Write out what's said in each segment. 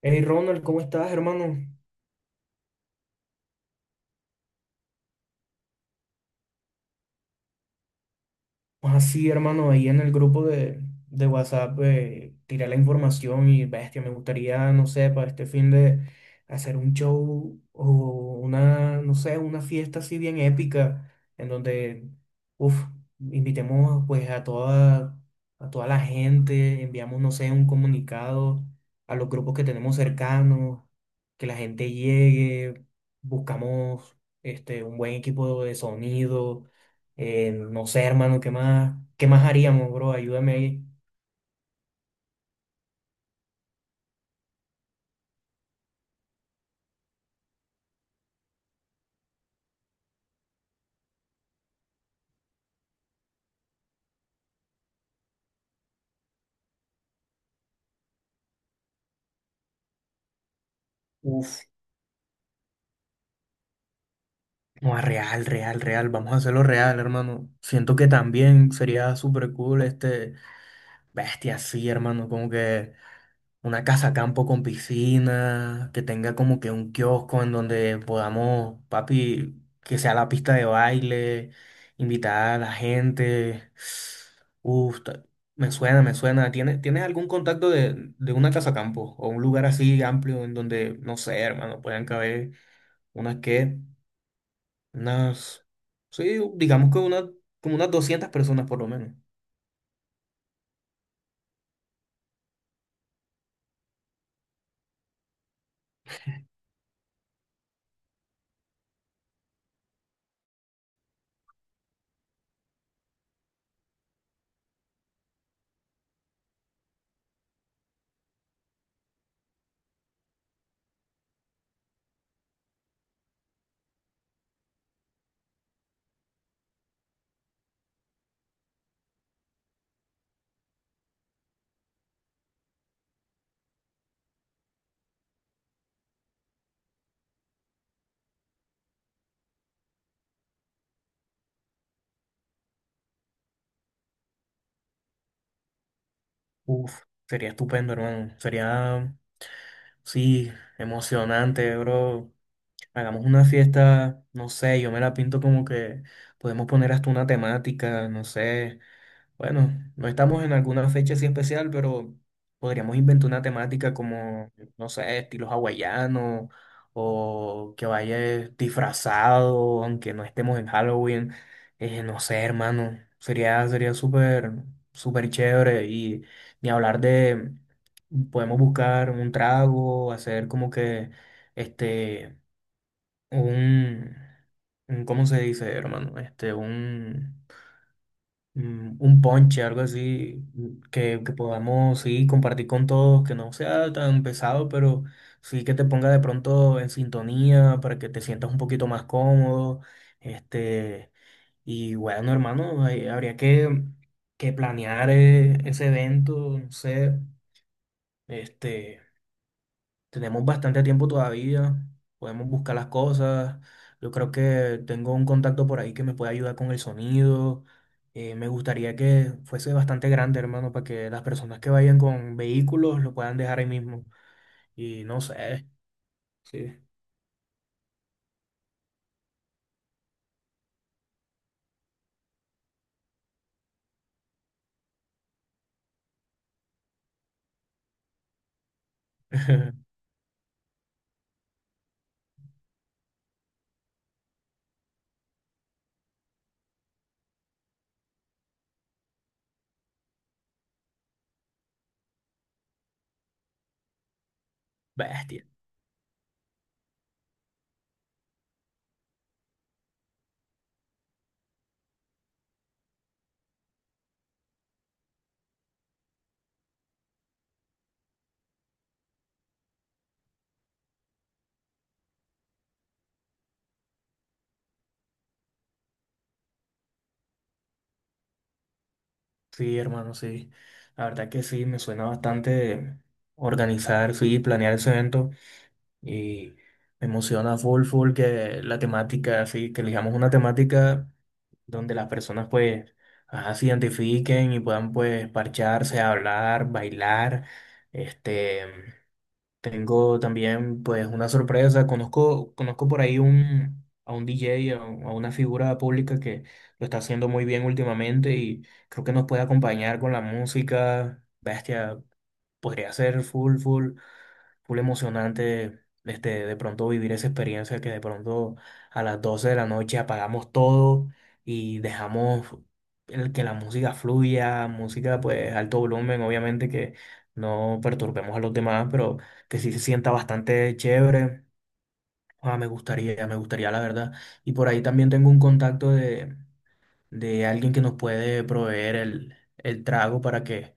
Hey Ronald, ¿cómo estás, hermano? Pues así, hermano, ahí en el grupo de WhatsApp tiré la información y bestia, me gustaría, no sé, para este fin de hacer un show o una, no sé, una fiesta así bien épica, en donde, uff, invitemos pues a toda la gente, enviamos, no sé, un comunicado a los grupos que tenemos cercanos, que la gente llegue, buscamos un buen equipo de sonido. No sé, hermano, qué más haríamos, bro? Ayúdame ahí. Uf, no, real, real, real. Vamos a hacerlo real, hermano. Siento que también sería súper cool bestia así, hermano. Como que una casa campo con piscina, que tenga como que un kiosco en donde podamos, papi, que sea la pista de baile, invitar a la gente. Uf, ta- Me suena, me suena. ¿Tienes, tienes algún contacto de una casa campo o un lugar así amplio en donde, no sé, hermano, puedan caber unas que, unas, sí, digamos que una, como unas 200 personas por lo menos. Uf, sería estupendo, hermano. Sería, sí, emocionante, bro. Hagamos una fiesta, no sé, yo me la pinto como que podemos poner hasta una temática, no sé. Bueno, no estamos en alguna fecha así especial, pero podríamos inventar una temática como, no sé, estilo hawaiano o que vaya disfrazado, aunque no estemos en Halloween. No sé, hermano, sería súper, súper chévere y ni hablar de, podemos buscar un trago, hacer como que, este un, ¿cómo se dice, hermano? Este, un, un ponche, algo así, que podamos, sí, compartir con todos, que no sea tan pesado, pero sí que te ponga de pronto en sintonía para que te sientas un poquito más cómodo, este, y bueno, hermano, habría que planear ese evento, no sé, este... Tenemos bastante tiempo todavía, podemos buscar las cosas. Yo creo que tengo un contacto por ahí que me puede ayudar con el sonido. Me gustaría que fuese bastante grande, hermano, para que las personas que vayan con vehículos lo puedan dejar ahí mismo. Y no sé, sí. Bestia. Sí, hermano, sí. La verdad que sí, me suena bastante organizar, sí, planear ese evento. Y me emociona full, full que la temática, así, que elijamos una temática donde las personas pues ajá, se identifiquen y puedan pues parcharse, hablar, bailar. Este, Tengo también pues una sorpresa. Conozco, conozco por ahí a un DJ, a una figura pública que lo está haciendo muy bien últimamente y creo que nos puede acompañar con la música. Bestia, podría ser full, full full emocionante de pronto vivir esa experiencia que de pronto a las 12 de la noche apagamos todo y dejamos el que la música fluya, música pues alto volumen, obviamente que no perturbemos a los demás, pero que sí se sienta bastante chévere. Ah, me gustaría la verdad. Y por ahí también tengo un contacto de alguien que nos puede proveer el trago para que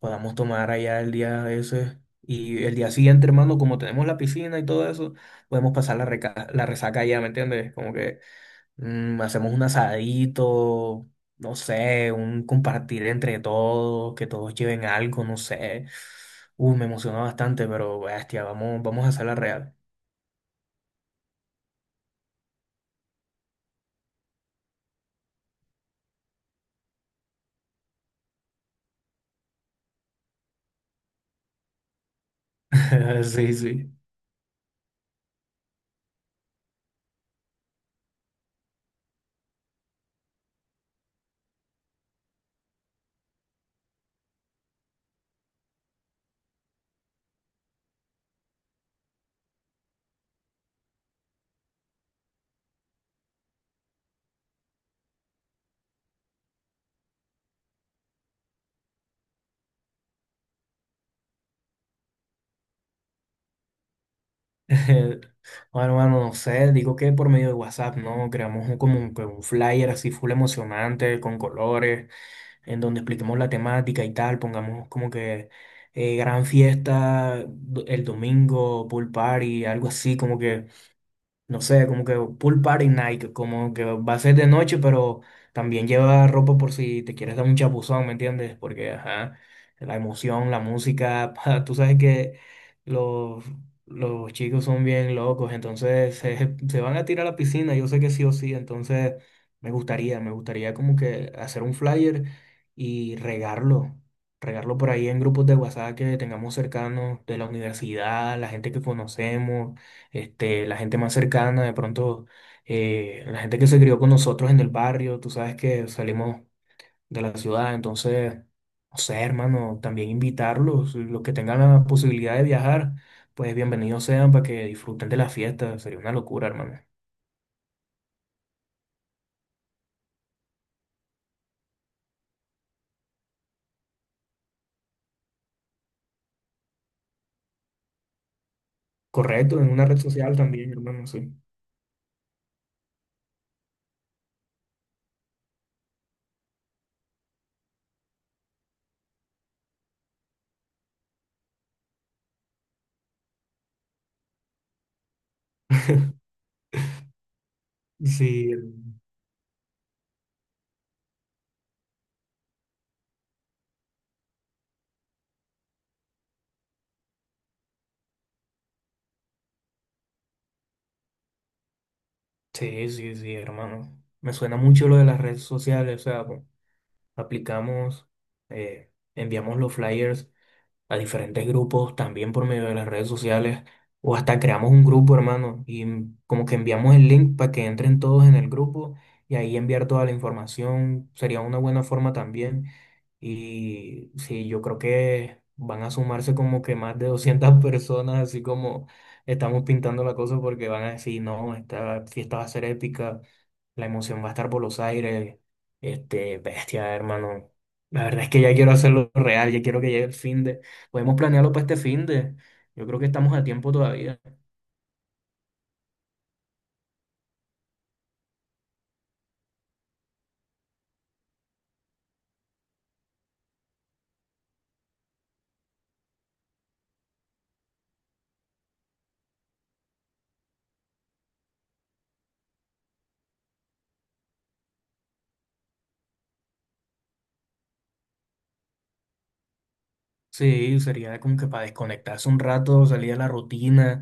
podamos tomar allá el día ese. Y el día siguiente, hermano, como tenemos la piscina y todo eso, podemos pasar la resaca allá, ¿me entiendes? Como que hacemos un asadito, no sé, un compartir entre todos, que todos lleven algo, no sé. Me emociona bastante, pero bestia, vamos, vamos a hacer la real. Sí, sí. Bueno, mano, no sé, digo que por medio de WhatsApp, ¿no? Creamos como un, que un flyer así full emocionante, con colores, en donde expliquemos la temática y tal, pongamos como que gran fiesta el domingo, pool party, algo así, como que no sé, como que pool party night, como que va a ser de noche, pero también lleva ropa por si te quieres dar un chapuzón, ¿me entiendes? Porque, ajá, la emoción, la música, pa, tú sabes que los, los chicos son bien locos, entonces se van a tirar a la piscina, yo sé que sí o sí, entonces me gustaría como que hacer un flyer y regarlo. Regarlo por ahí en grupos de WhatsApp que tengamos cercanos de la universidad, la gente que conocemos, la gente más cercana, de pronto la gente que se crió con nosotros en el barrio, tú sabes que salimos de la ciudad, entonces, no sé, hermano, también invitarlos, los que tengan la posibilidad de viajar, pues bienvenidos sean para que disfruten de la fiesta, sería una locura, hermano. Correcto, en una red social también, hermano, sí. Sí, sí, sí, sí, hermano. Me suena mucho lo de las redes sociales, o sea, pues, aplicamos, enviamos los flyers a diferentes grupos, también por medio de las redes sociales, o hasta creamos un grupo, hermano, y como que enviamos el link para que entren todos en el grupo y ahí enviar toda la información sería una buena forma también. Y sí, yo creo que van a sumarse como que más de 200 personas, así como estamos pintando la cosa, porque van a decir, no, esta fiesta va a ser épica. La emoción va a estar por los aires. Bestia, hermano. La verdad es que ya quiero hacerlo real, ya quiero que llegue el fin de. Podemos planearlo para este fin de. Yo creo que estamos a tiempo todavía. Sí, sería como que para desconectarse un rato, salir a la rutina.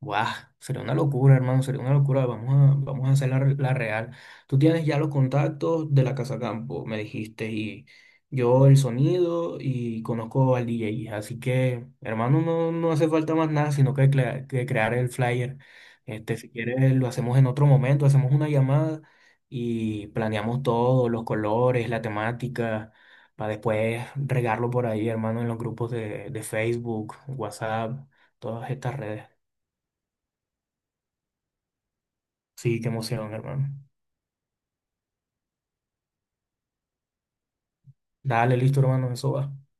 Guau, sería una locura, hermano, sería una locura. Vamos a hacer la real. Tú tienes ya los contactos de la Casa Campo, me dijiste, y yo el sonido y conozco al DJ. Así que, hermano, no, no hace falta más nada, que crear el flyer. Si quieres, lo hacemos en otro momento, hacemos una llamada y planeamos todo, los colores, la temática para después regarlo por ahí, hermano, en los grupos de Facebook, WhatsApp, todas estas redes. Sí, qué emoción, hermano. Dale, listo, hermano, eso va.